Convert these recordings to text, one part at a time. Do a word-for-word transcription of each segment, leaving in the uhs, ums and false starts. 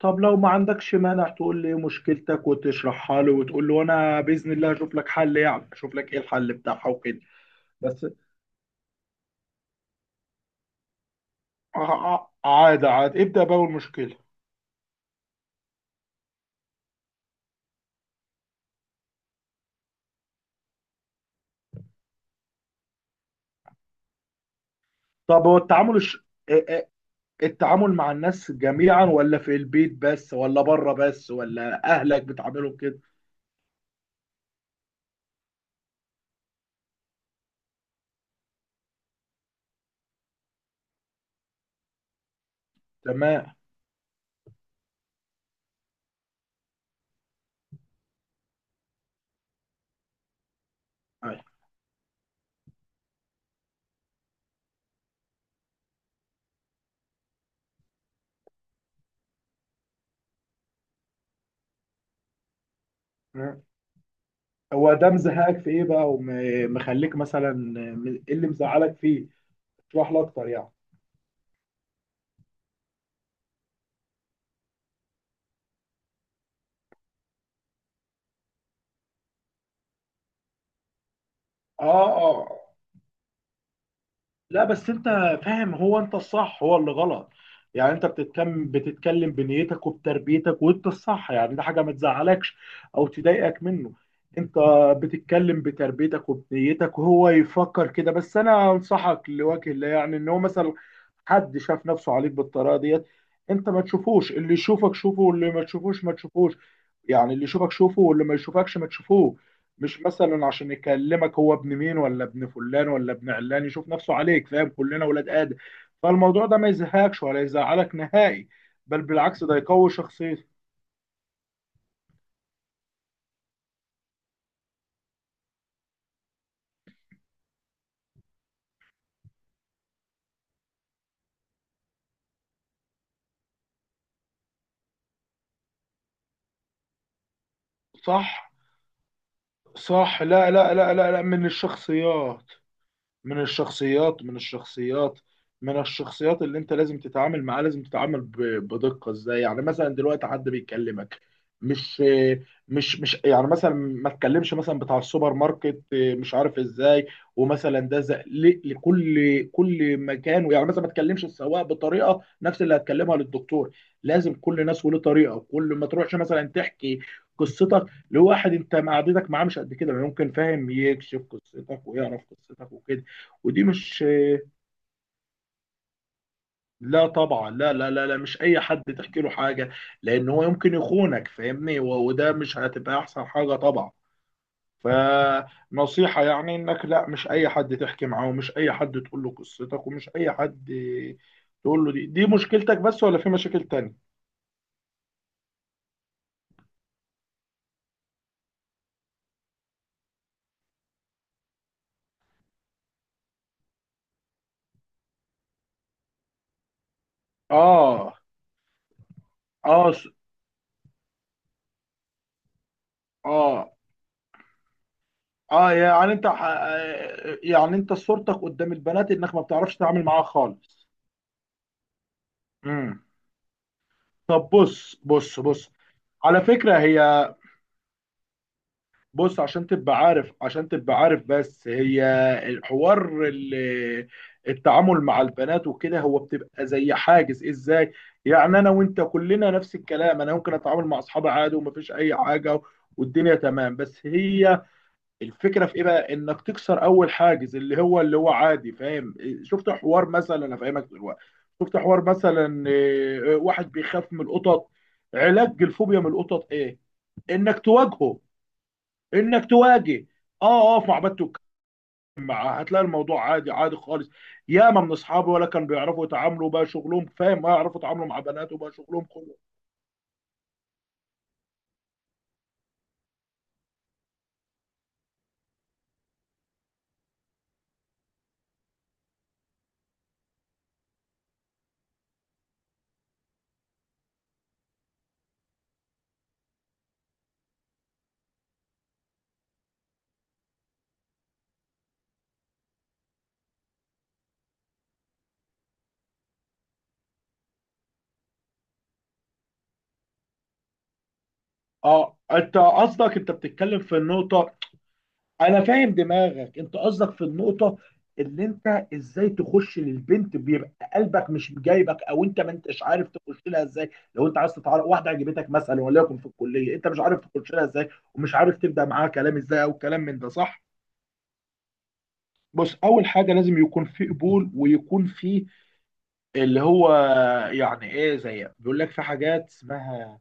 طب لو ما عندكش مانع تقول لي إيه مشكلتك وتشرحها له، وتقول له انا باذن الله هشوف لك حل، يعني اشوف لك ايه الحل بتاعها وكده. بس. ع- ع- عادي عادي، ابدا باول مشكله. طب هو التعامل الش... ا- ا- التعامل مع الناس جميعا، ولا في البيت بس، ولا بره بس، ولا اهلك بتعاملهم كده؟ تمام. أيوة. م. هو ده مزهقك في ايه بقى، ومخليك مثلا، م- ايه اللي مزعلك فيه؟ اشرح لي اكتر يعني. اه، اه، آه. لا، بس انت فاهم، هو انت الصح، هو اللي غلط. يعني انت بتتكلم بتتكلم بنيتك وبتربيتك، وانت الصح. يعني ده حاجه ما تزعلكش او تضايقك منه. انت بتتكلم بتربيتك وبنيتك، وهو يفكر كده. بس انا انصحك لوجه الله، يعني ان هو مثلا حد شاف نفسه عليك بالطريقه ديت، انت ما تشوفوش. اللي يشوفك شوفه، واللي ما تشوفوش ما تشوفوش. يعني اللي يشوفك شوفه، واللي ما يشوفكش ما تشوفوش. مش مثلا عشان يكلمك هو ابن مين ولا ابن فلان ولا ابن علان يشوف نفسه عليك، فاهم؟ كلنا ولاد آدم. فالموضوع ده ما يزهقش ولا يزعلك نهائي، بل بالعكس ده يقوي شخصيتك. صح، صح. لا، لا، لا، لا، لا، من الشخصيات، من الشخصيات من الشخصيات من الشخصيات اللي انت لازم تتعامل معاه، لازم تتعامل ب- بدقة. ازاي يعني؟ مثلا دلوقتي حد بيكلمك، مش مش مش يعني مثلا ما تكلمش مثلا بتاع السوبر ماركت، اه، مش عارف ازاي. ومثلا ده زق ل- لكل كل مكان. يعني مثلا ما تكلمش السواق بطريقة نفس اللي هتكلمها للدكتور. لازم كل ناس وله طريقة. وكل ما تروحش مثلا تحكي قصتك لواحد انت معدتك معاه مش قد كده، ممكن فاهم يكشف قصتك ويعرف قصتك وكده. ودي مش. لا طبعا، لا، لا، لا، لا، مش اي حد تحكي له حاجه. لان هو يمكن يخونك، فاهمني، و- وده مش هتبقى احسن حاجه طبعا. فنصيحه يعني انك لا، مش اي حد تحكي معاه، ومش اي حد تقول له قصتك، ومش اي حد تقول له دي دي مشكلتك بس، ولا في مشاكل تانية؟ اه، اه، س- اه، اه، يعني انت، ح- آه، يعني انت صورتك قدام البنات انك ما بتعرفش تتعامل معاها خالص. امم طب بص بص بص، على فكرة هي، بص عشان تبقى عارف، عشان تبقى عارف بس هي الحوار، ال- التعامل مع البنات وكده، هو بتبقى زي حاجز ازاي. يعني انا وانت كلنا نفس الكلام، انا ممكن اتعامل مع اصحابي عادي ومفيش اي حاجه والدنيا تمام. بس هي الفكره في ايه بقى؟ انك تكسر اول حاجز، اللي هو اللي هو عادي، فاهم؟ شفت حوار مثلا، انا فاهمك دلوقتي. شفت حوار مثلا، آه، واحد بيخاف من القطط، علاج الفوبيا من القطط ايه؟ انك تواجهه. انك تواجه اه، اقف مع بنت واتكلم معاها، هتلاقي الموضوع عادي، عادي خالص. ياما من اصحابي ولا كانوا بيعرفوا يتعاملوا، بقى شغلهم فاهم، ما يعرفوا يتعاملوا مع بنات، وبقى شغلهم كله. اه، انت قصدك انت بتتكلم في النقطة. انا فاهم دماغك، انت قصدك في النقطة اللي انت ازاي تخش للبنت، بيبقى قلبك مش جايبك، او انت ما انتش عارف تخش لها ازاي. لو انت عايز تتعرف واحده عجبتك مثلا، وليكن في الكليه، انت مش عارف تخش لها ازاي، ومش عارف تبدا معاها كلام ازاي، او كلام من ده، صح؟ بص، اول حاجه لازم يكون في قبول، ويكون في اللي هو، يعني ايه، زي بيقول لك في حاجات اسمها،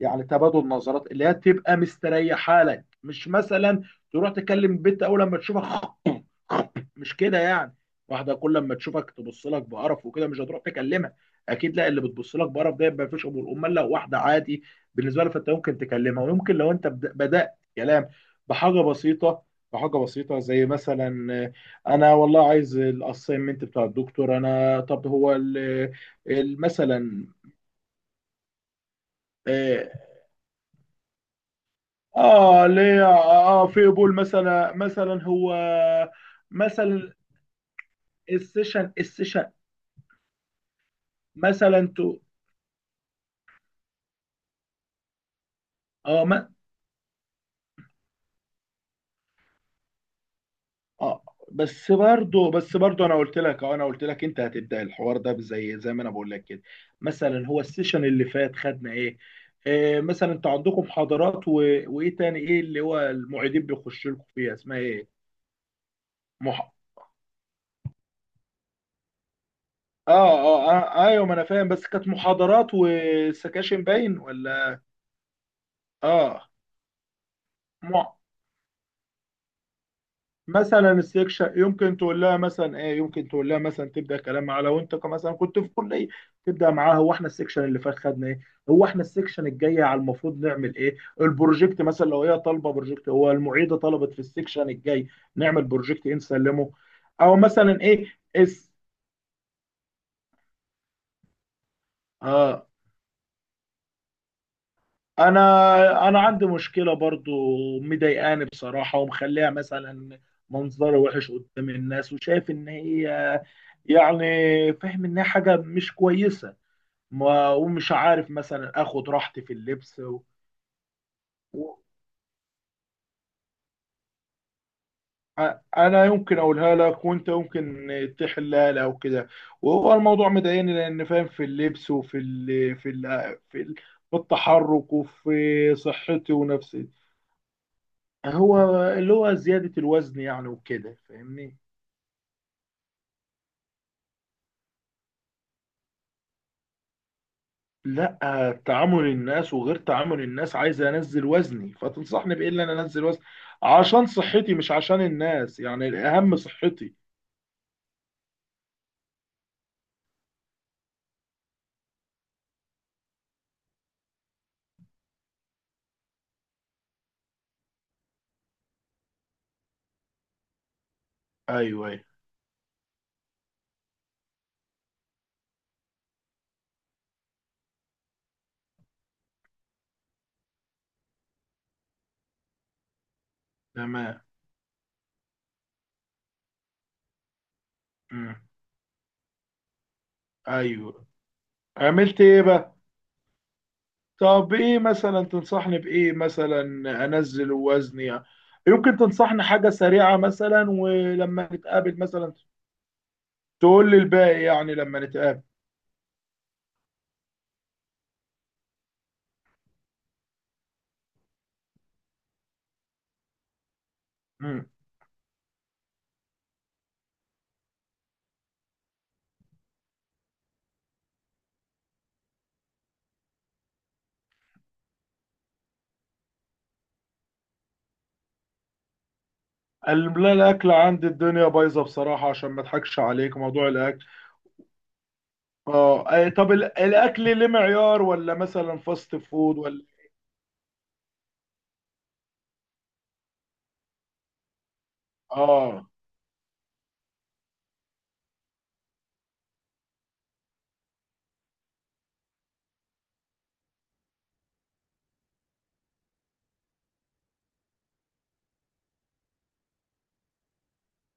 يعني تبادل نظرات، اللي هي تبقى مستريحه لك. مش مثلا تروح تكلم البت اول لما تشوفها مش كده يعني. واحده كل لما تشوفك تبص لك بقرف وكده، مش هتروح تكلمها اكيد، لا. اللي بتبص لك بقرف ده ما فيش امور. امال لو واحده عادي بالنسبه لها، فانت ممكن تكلمها. ويمكن لو انت بد- بدات كلام بحاجه بسيطه، بحاجه بسيطه زي مثلا، آه، انا والله عايز الاساينمنت بتاع الدكتور. انا طب هو ال- ال- مثلا، اه، آه، ليه؟ اه، في قبول مثلا؟ مثلا هو مثلا السيشن، السيشن مثلا، تو اه، اه. بس برضو، بس برضو انا قلت لك، اه انا قلت لك انت هتبدا الحوار ده، زي زي ما انا بقول لك كده. مثلا هو السيشن اللي فات خدنا ايه؟ آه مثلا انتوا عندكم محاضرات و... وايه تاني؟ ايه اللي هو المعيدين بيخشوا لكم فيها، اسمها ايه؟ مح... اه، اه، اه، ايوه، ما انا فاهم. بس كانت محاضرات وسكاشن، باين ولا؟ اه، مع... مثلا السكشن يمكن تقول لها مثلا ايه. يمكن تقول لها مثلا تبدا كلام معاها، لو انت ك- مثلا كنت في كليه، تبدا معاها هو احنا السكشن اللي فات خدنا ايه، هو احنا السكشن الجاي على المفروض نعمل ايه، البروجكت مثلا لو هي طالبه بروجكت، هو المعيده طلبت في السكشن الجاي نعمل بروجكت ايه نسلمه. او مثلا ايه، اس اه، انا انا عندي مشكله برضو مضايقاني بصراحه، ومخليها مثلا منظري وحش قدام الناس، وشايف ان هي يعني، فاهم ان هي حاجه مش كويسه. ما ومش عارف مثلا اخد راحتي في اللبس و... و... أ- انا يمكن اقولها لك وانت يمكن تحلها لي او كده. وهو الموضوع مضايقني لان، فاهم، في اللبس، وفي ال... في ال... في ال... في التحرك، وفي صحتي ونفسي. هو اللي هو زيادة الوزن يعني وكده، فاهمني. لا، تعامل الناس وغير تعامل الناس، عايز انزل وزني. فتنصحني بايه اللي انا انزل وزني عشان صحتي، مش عشان الناس، يعني الاهم صحتي. ايوه، ايوه. تمام. مم. ايوه. عملت ايه بقى؟ طب ايه مثلا تنصحني بايه مثلا؟ انزل وزني، يمكن تنصحني حاجة سريعة مثلا، ولما نتقابل مثلا تقول لي الباقي يعني لما نتقابل. مم. ال- لا، الاكل عندي الدنيا بايظه بصراحه، عشان ما اضحكش عليك، موضوع الاكل. اه، أي- طب ال- الاكل ليه معيار؟ ولا مثلا فاست فود ولا؟ اه،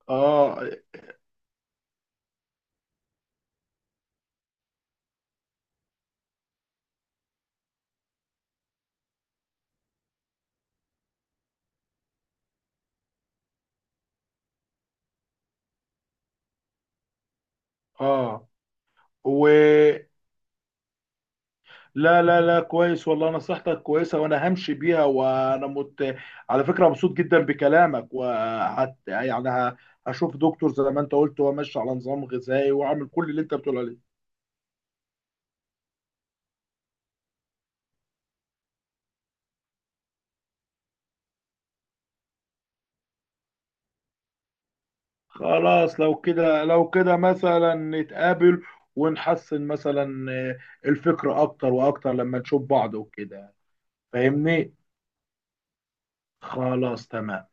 اه، اه، و لا، لا، لا، كويس والله، نصيحتك كويسه وانا همشي بيها. وانا مت، على فكره مبسوط جدا بكلامك، وحت يعني ه- هشوف دكتور زي ما انت قلت، وامشي على نظام غذائي، واعمل كل اللي انت بتقول عليه. خلاص لو كده، لو كده مثلا نتقابل، ونحسن مثلا، آه، الفكرة أكتر وأكتر لما نشوف بعض وكده. فاهمني؟ خلاص تمام.